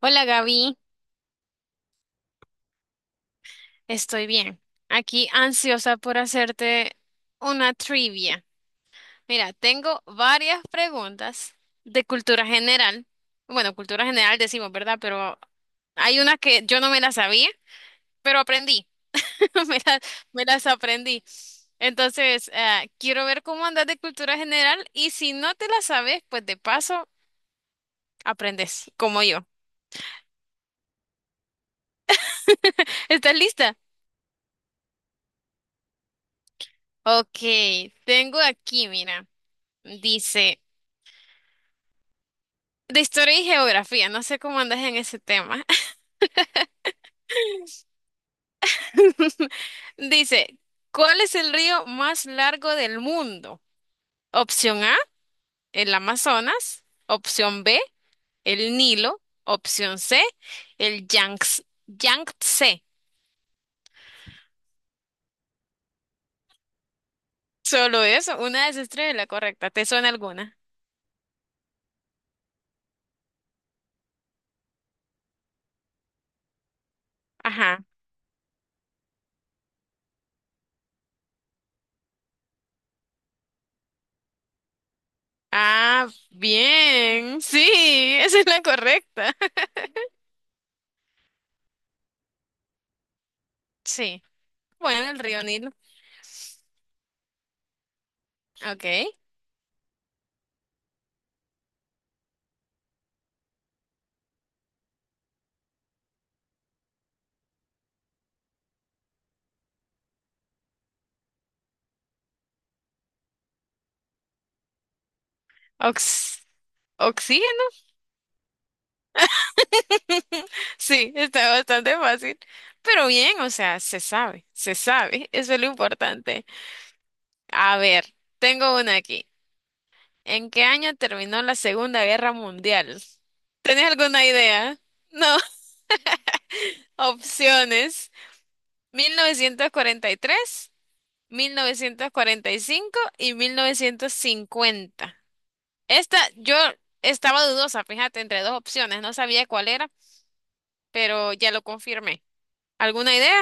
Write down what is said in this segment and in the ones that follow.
Hola Gaby, estoy bien. Aquí ansiosa por hacerte una trivia. Mira, tengo varias preguntas de cultura general. Bueno, cultura general decimos, ¿verdad? Pero hay unas que yo no me las sabía, pero aprendí. Me las, me las aprendí. Entonces, quiero ver cómo andas de cultura general y si no te las sabes, pues de paso aprendes, como yo. ¿Estás lista? Ok, tengo aquí, mira, dice... De historia y geografía, no sé cómo andas en ese tema. Dice, ¿cuál es el río más largo del mundo? Opción A, el Amazonas. Opción B, el Nilo. Opción C, el Yangtze. Solo eso, una de esas tres es la correcta. ¿Te suena alguna? Ajá. Ah, bien. Sí, esa es la correcta. Sí. Bueno, el río Nilo. Ok. Ox- Oxígeno. Sí, está bastante fácil. Pero bien, o sea, se sabe, se sabe. Eso es lo importante. A ver, tengo una aquí. ¿En qué año terminó la Segunda Guerra Mundial? ¿Tenés alguna idea? No. Opciones. 1943, 1945 y 1950. Esta, yo estaba dudosa, fíjate, entre dos opciones. No sabía cuál era, pero ya lo confirmé. ¿Alguna idea?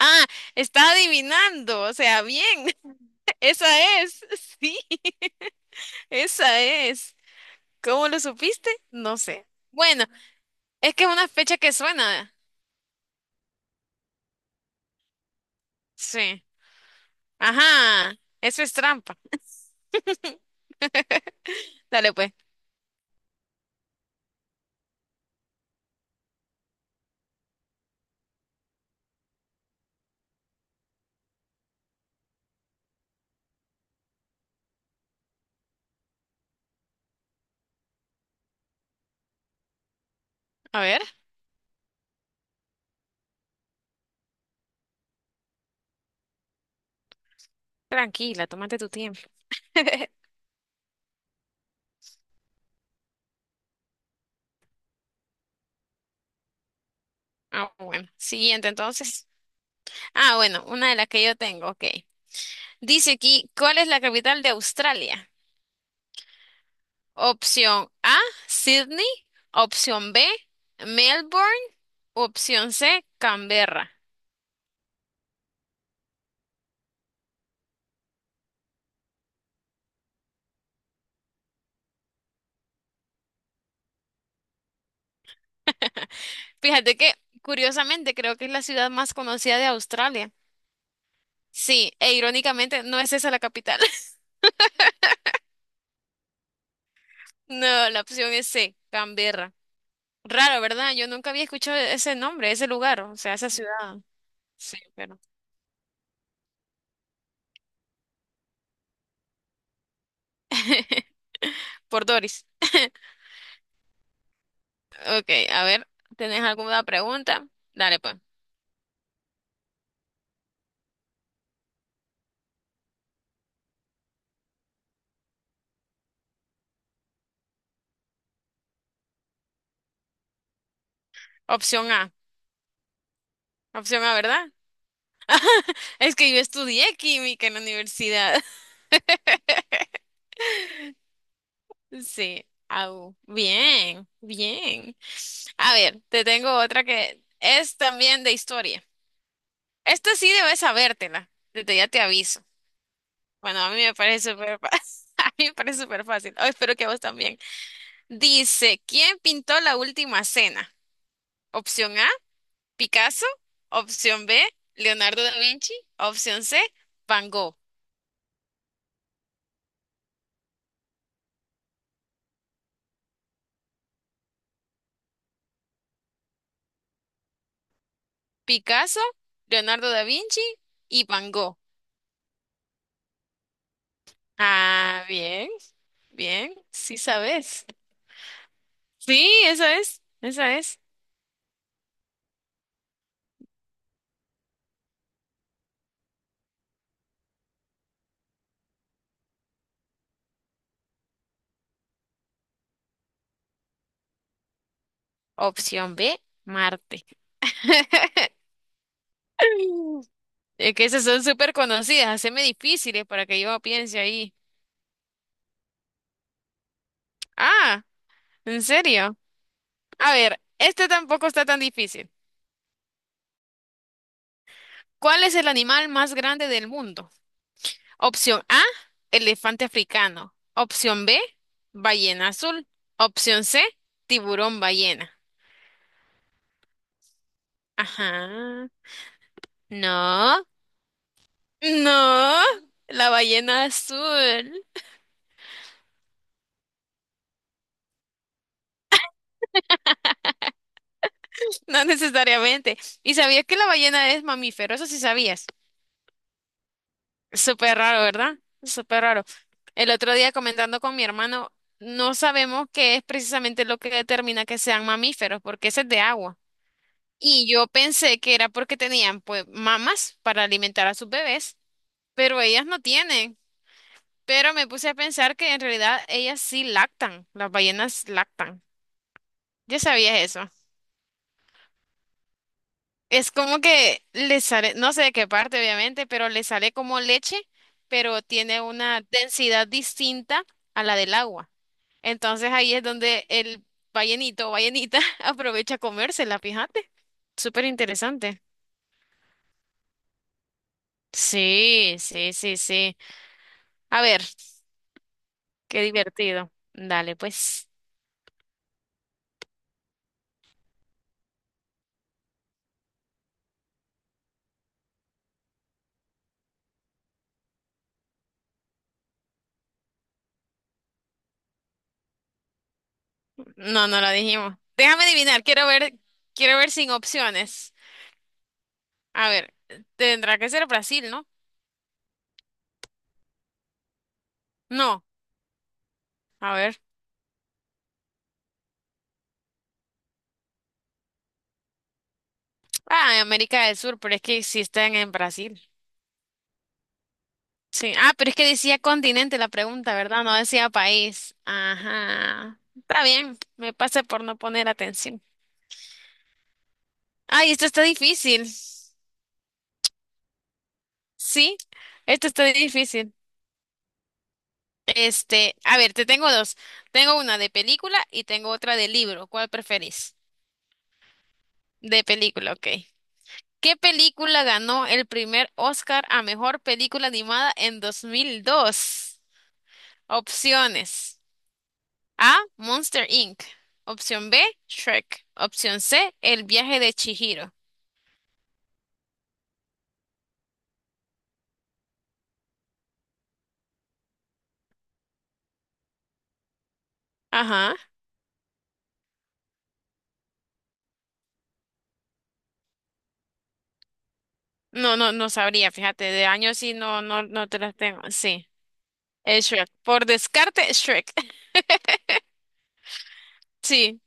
Ah, está adivinando, o sea, bien, esa es, sí, esa es. ¿Cómo lo supiste? No sé. Bueno, es que es una fecha que suena. Sí. Ajá, eso es trampa. Dale pues, a ver. Tranquila, tómate tu tiempo. Ah, bueno, siguiente entonces. Ah, bueno, una de las que yo tengo, ok. Dice aquí, ¿cuál es la capital de Australia? Opción A, Sydney. Opción B, Melbourne. Opción C, Canberra. Fíjate que, curiosamente, creo que es la ciudad más conocida de Australia. Sí, e irónicamente, no es esa la capital. No, la opción es C, Canberra. Raro, ¿verdad? Yo nunca había escuchado ese nombre, ese lugar, o sea, esa ciudad. Sí, pero por Doris. Ok, a ver, ¿tenés alguna pregunta? Dale, pues. Opción A. Opción A, ¿verdad? Es que yo estudié química en la universidad. Sí. Au. Bien, bien. A ver, te tengo otra que es también de historia. Esta sí debes sabértela. Desde ya te aviso. Bueno, a mí me parece súper fácil. A mí me parece súper fácil. Oh, espero que a vos también. Dice, ¿quién pintó la última cena? Opción A, Picasso. Opción B, Leonardo da Vinci. Opción C, Van Gogh. Picasso, Leonardo da Vinci y Van Gogh. Ah, bien, bien, sí sabes. Sí, esa es, esa es. Opción B, Marte. Es que esas son súper conocidas, haceme difíciles para que yo piense ahí. Ah, ¿en serio? A ver, este tampoco está tan difícil. ¿Cuál es el animal más grande del mundo? Opción A, elefante africano. Opción B, ballena azul. Opción C, tiburón ballena. Ajá. No. No, la ballena azul, no necesariamente. ¿Y sabías que la ballena es mamífero? Eso sí sabías. Súper raro, ¿verdad? Súper raro. El otro día comentando con mi hermano, no sabemos qué es precisamente lo que determina que sean mamíferos, porque ese es de agua. Y yo pensé que era porque tenían pues mamas para alimentar a sus bebés, pero ellas no tienen. Pero me puse a pensar que en realidad ellas sí lactan, las ballenas lactan. ¿Ya sabías eso? Es como que le sale, no sé de qué parte obviamente, pero le sale como leche, pero tiene una densidad distinta a la del agua. Entonces ahí es donde el ballenito o ballenita aprovecha a comérsela, fíjate. Súper interesante. Sí, sí, sí, sí. A ver, qué divertido. Dale, pues. No, no la dijimos. Déjame adivinar, quiero ver sin opciones. A ver, tendrá que ser Brasil, ¿no? No, a ver. Ah, en América del Sur, pero es que sí están en Brasil. Sí. Ah, pero es que decía continente la pregunta, ¿verdad? No decía país. Ajá. Está bien, me pasa por no poner atención. Ay, esto está difícil. Sí, esto está difícil. Este, a ver, te tengo dos. Tengo una de película y tengo otra de libro. ¿Cuál preferís? De película, ok. ¿Qué película ganó el primer Oscar a mejor película animada en 2002? Opciones. A. Monster Inc. Opción B. Shrek. Opción C. El viaje de Chihiro. Ajá. No, no, no sabría, fíjate, de años sí, no, no, no te las tengo. Sí, es Shrek. Por descarte, Shrek. Sí.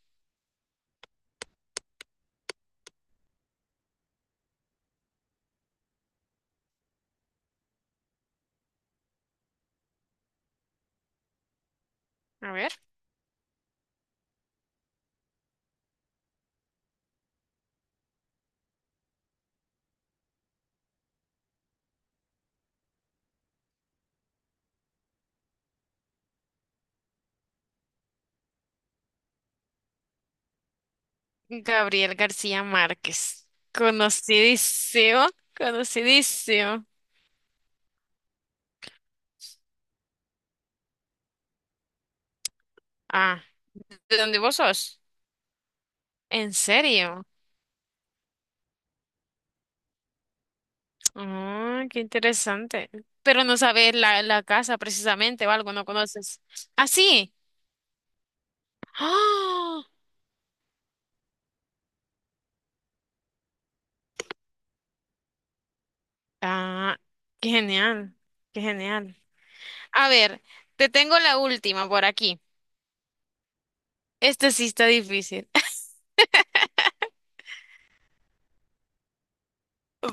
A ver. Gabriel García Márquez. Conocidísimo, conocidísimo. Ah, ¿de dónde vos sos? ¿En serio? Ah, qué interesante. Pero no sabes la casa precisamente o algo, no conoces. Ah, sí. ¡Ah! Ah, qué genial, qué genial. A ver, te tengo la última por aquí. Esta sí está difícil,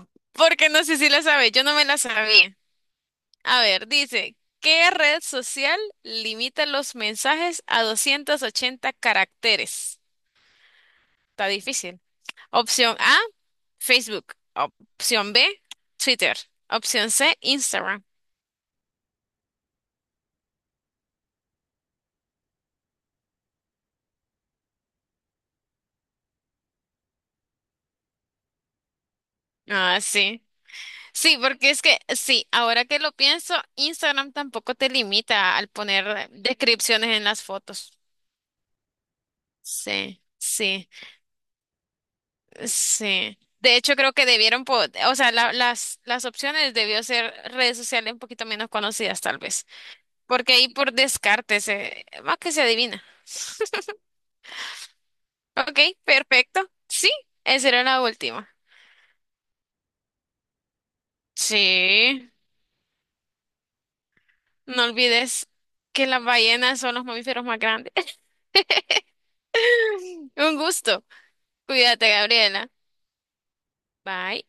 porque no sé si la sabes, yo no me la sabía. A ver, dice, ¿qué red social limita los mensajes a 280 caracteres? Está difícil. Opción A, Facebook. Opción B, Twitter. Opción C, Instagram. Ah, sí. Sí, porque es que sí, ahora que lo pienso, Instagram tampoco te limita al poner descripciones en las fotos. Sí, sí, sí. De hecho, creo que debieron, o sea, las opciones debió ser redes sociales un poquito menos conocidas, tal vez. Porque ahí por descarte, se, más que se adivina. Ok, perfecto. Sí, esa era la última. Sí, no olvides que las ballenas son los mamíferos más grandes. Un gusto. Cuídate, Gabriela. Bye.